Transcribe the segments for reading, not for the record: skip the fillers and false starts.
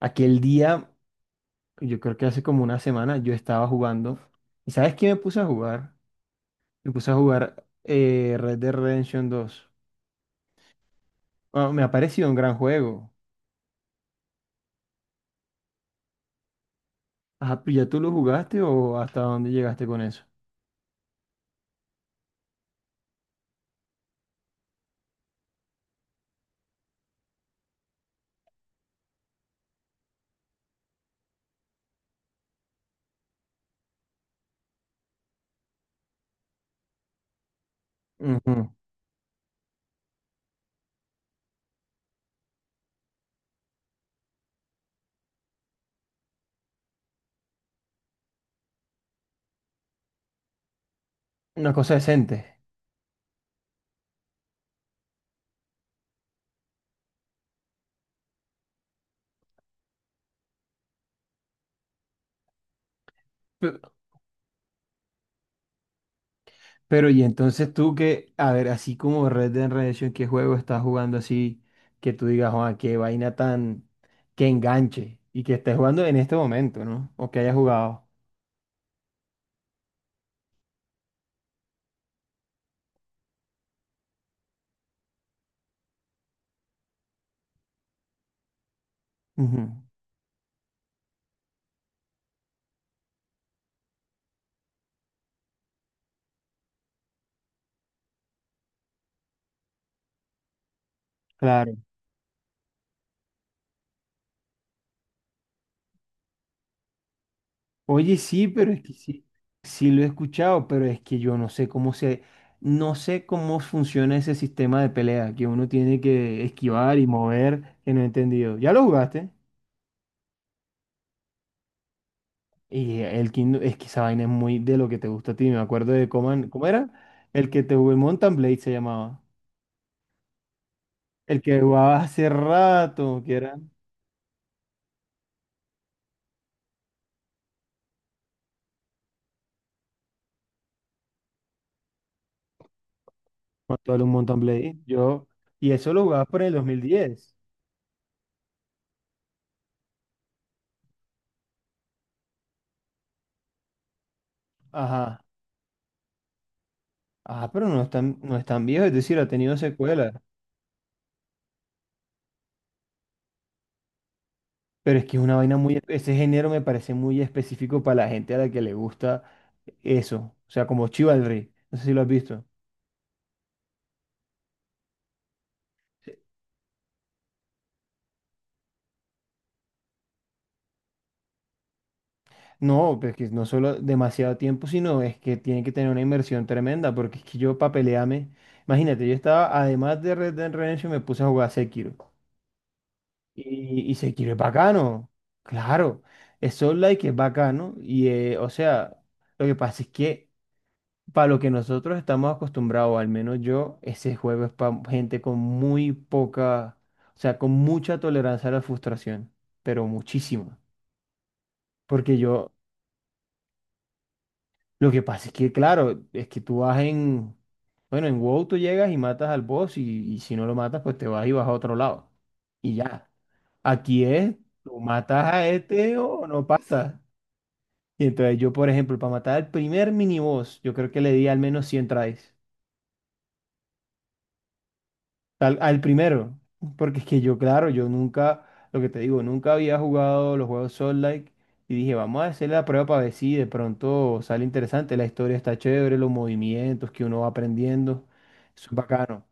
Aquel día, yo creo que hace como una semana, yo estaba jugando. ¿Y sabes qué me puse a jugar? Me puse a jugar Red Dead Redemption 2. Ah, me ha parecido un gran juego. Ajá, ¿pero ya tú lo jugaste o hasta dónde llegaste con eso? Ujú. Una cosa decente. Pe- Pero, y entonces tú que, a ver, así como Red Dead Redemption, ¿qué juego estás jugando, así que tú digas, Juan, qué vaina tan que enganche y que estés jugando en este momento? ¿No? O que hayas jugado. Ujú. Claro. Oye, sí, pero es que sí, sí lo he escuchado, pero es que yo no sé cómo se, no sé cómo funciona ese sistema de pelea que uno tiene que esquivar y mover, que no he entendido. ¿Ya lo jugaste? Y el Kingdom, es que esa vaina es muy de lo que te gusta a ti. Me acuerdo de Coman, ¿cómo era? El que te jugué Mountain Blade se llamaba. El que jugaba hace rato, que era actual un Mountain Blade. Yo, y eso lo jugabas por el 2010. Ajá. Ajá, pero no es tan, no es tan viejo, es decir, ha tenido secuelas. Pero es que es una vaina muy, ese género me parece muy específico para la gente a la que le gusta eso. O sea, como Chivalry. No sé si lo has visto. No, pero es que no solo demasiado tiempo, sino es que tiene que tener una inversión tremenda, porque es que yo para pelearme, imagínate, yo estaba, además de Red Dead Redemption, me puse a jugar Sekiro. Y Sekiro es bacano, claro, es Soul Like, es bacano, y o sea, lo que pasa es que para lo que nosotros estamos acostumbrados, al menos yo, ese juego es para gente con muy poca, o sea, con mucha tolerancia a la frustración, pero muchísima. Porque yo, lo que pasa es que, claro, es que tú vas en, bueno, en WoW tú llegas y matas al boss y si no lo matas, pues te vas y vas a otro lado. Y ya. Aquí es, tú matas a este o no pasa. Y entonces yo, por ejemplo, para matar al primer miniboss, yo creo que le di al menos 100 tries. Al primero, porque es que yo, claro, yo nunca, lo que te digo, nunca había jugado los juegos Soul Like y dije, vamos a hacer la prueba para ver si de pronto sale interesante, la historia está chévere, los movimientos que uno va aprendiendo, eso es bacano.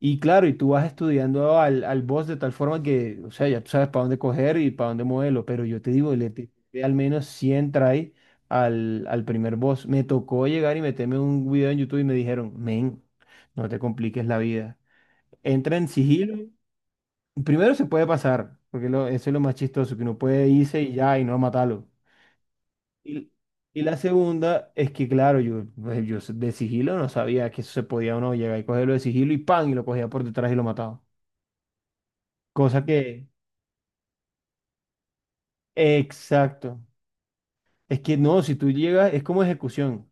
Y claro, y tú vas estudiando al boss de tal forma que, o sea, ya tú sabes para dónde coger y para dónde moverlo, pero yo te digo, al menos 100 try al primer boss. Me tocó llegar y meterme un video en YouTube y me dijeron, men, no te compliques la vida, entra en sigilo. Primero se puede pasar, porque eso es lo más chistoso, que uno puede irse y ya, y no matarlo. Y, y la segunda es que, claro, yo, pues, yo de sigilo no sabía que eso se podía, uno llegar y cogerlo de sigilo, y ¡pam!, y lo cogía por detrás y lo mataba. Cosa que, exacto. Es que no, si tú llegas, es como ejecución.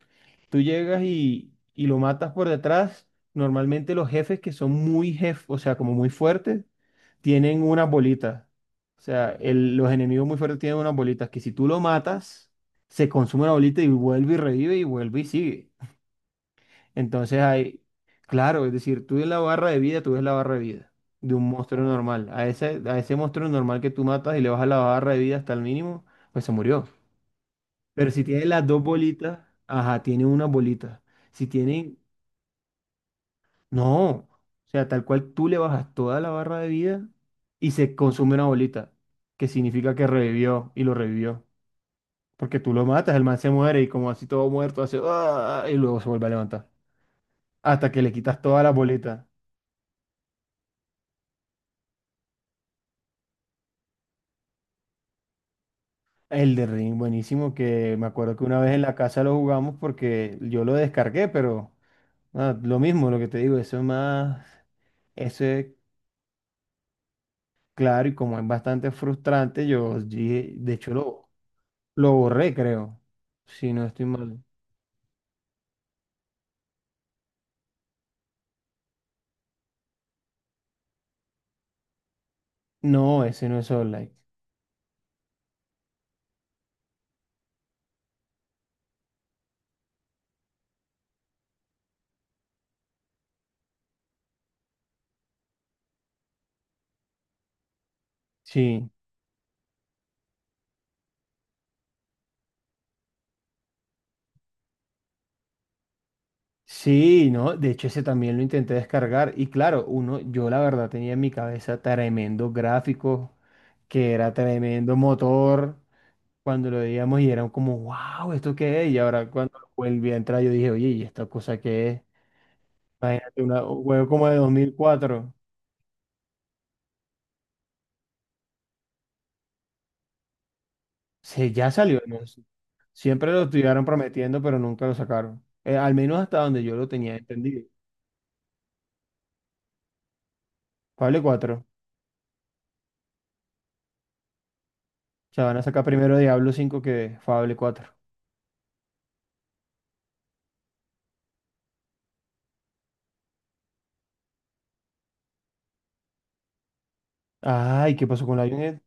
Tú llegas y lo matas por detrás. Normalmente los jefes que son muy jefes, o sea, como muy fuertes, tienen unas bolitas. O sea, los enemigos muy fuertes tienen unas bolitas que si tú lo matas, se consume una bolita y vuelve y revive y vuelve y sigue. Entonces hay, claro, es decir, tú ves la barra de vida, tú ves la barra de vida de un monstruo normal. A ese monstruo normal que tú matas y le bajas la barra de vida hasta el mínimo, pues se murió. Pero si tiene las dos bolitas, ajá, tiene una bolita. Si tienen. No, o sea, tal cual, tú le bajas toda la barra de vida y se consume una bolita, que significa que revivió, y lo revivió. Porque tú lo matas, el man se muere y, como así todo muerto, hace "Ah", y luego se vuelve a levantar. Hasta que le quitas todas las bolitas. El de Ring, buenísimo, que me acuerdo que una vez en la casa lo jugamos porque yo lo descargué, pero ah, lo mismo, lo que te digo, eso es más, eso es, claro, y como es bastante frustrante, yo dije, de hecho lo... Lo borré, creo. Si no estoy mal. No, ese no es All Like. Sí. Sí, no. De hecho, ese también lo intenté descargar. Y claro, uno, yo la verdad tenía en mi cabeza tremendo gráfico, que era tremendo motor. Cuando lo veíamos y era como, wow, ¿esto qué es? Y ahora cuando volví a entrar, yo dije, oye, ¿y esta cosa qué es? Imagínate, un juego como de 2004. Ya salió, no sé. Siempre lo estuvieron prometiendo, pero nunca lo sacaron. Al menos hasta donde yo lo tenía entendido. Fable 4. O sea, van a sacar primero Diablo 5 que Fable 4. Ay, ¿qué pasó con Lionhead?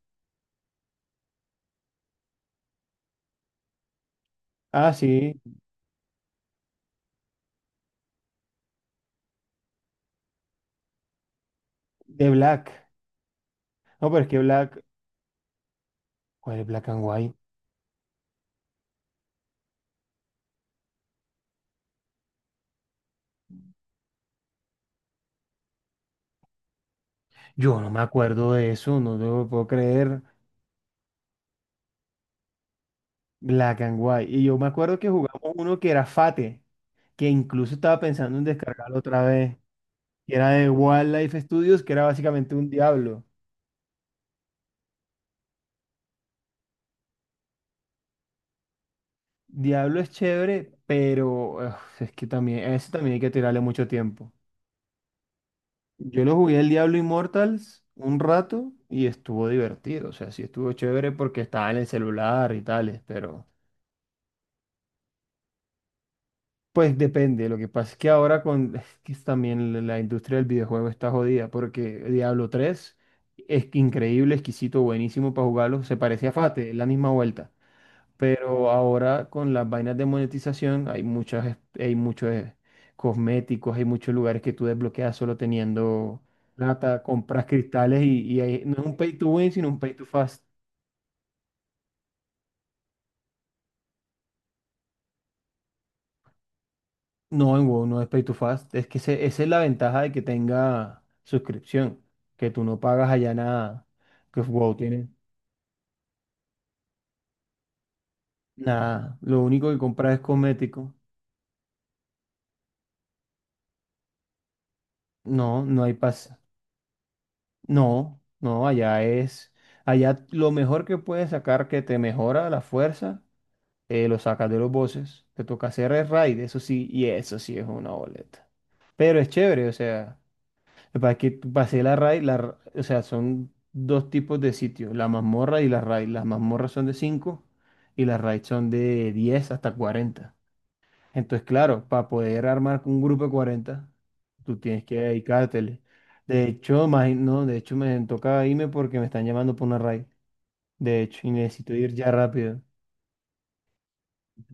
Ah, sí, de Black. No, pero es que Black. ¿Cuál es Black and White? Yo no me acuerdo de eso, no te lo puedo creer. Black and White. Y yo me acuerdo que jugamos uno que era Fate, que incluso estaba pensando en descargarlo otra vez. Que era de Wildlife Studios, que era básicamente un Diablo. Diablo es chévere, pero uf, es que también, a ese también hay que tirarle mucho tiempo. Yo lo jugué el Diablo Immortals un rato y estuvo divertido, o sea, sí estuvo chévere porque estaba en el celular y tales, pero pues depende, lo que pasa es que ahora con es que también la industria del videojuego está jodida, porque Diablo 3 es que increíble, exquisito, buenísimo para jugarlo, se parece a Fate, es la misma vuelta. Pero ahora con las vainas de monetización hay muchas, hay muchos cosméticos, hay muchos lugares que tú desbloqueas solo teniendo plata, compras cristales y no es un pay to win, sino un pay to fast. No, en WoW no es pay to fast. Es que esa es la ventaja de que tenga suscripción, que tú no pagas allá nada, que WoW tiene nada. Lo único que compras es cosmético. No, no hay pas No, no, allá lo mejor que puedes sacar que te mejora la fuerza, lo sacas de los bosses. Te toca hacer el raid, eso sí, y eso sí es una boleta. Pero es chévere, o sea, para que pasé la raid, o sea, son dos tipos de sitios, la mazmorra y la raid. Las mazmorras son de 5 y las raids son de 10 hasta 40. Entonces, claro, para poder armar un grupo de 40, tú tienes que dedicártele. De hecho, no, de hecho me toca irme porque me están llamando por una raid. De hecho, y necesito ir ya rápido.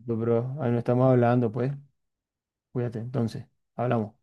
Pero, bro, ahí no estamos hablando, pues. Cuídate, entonces, hablamos.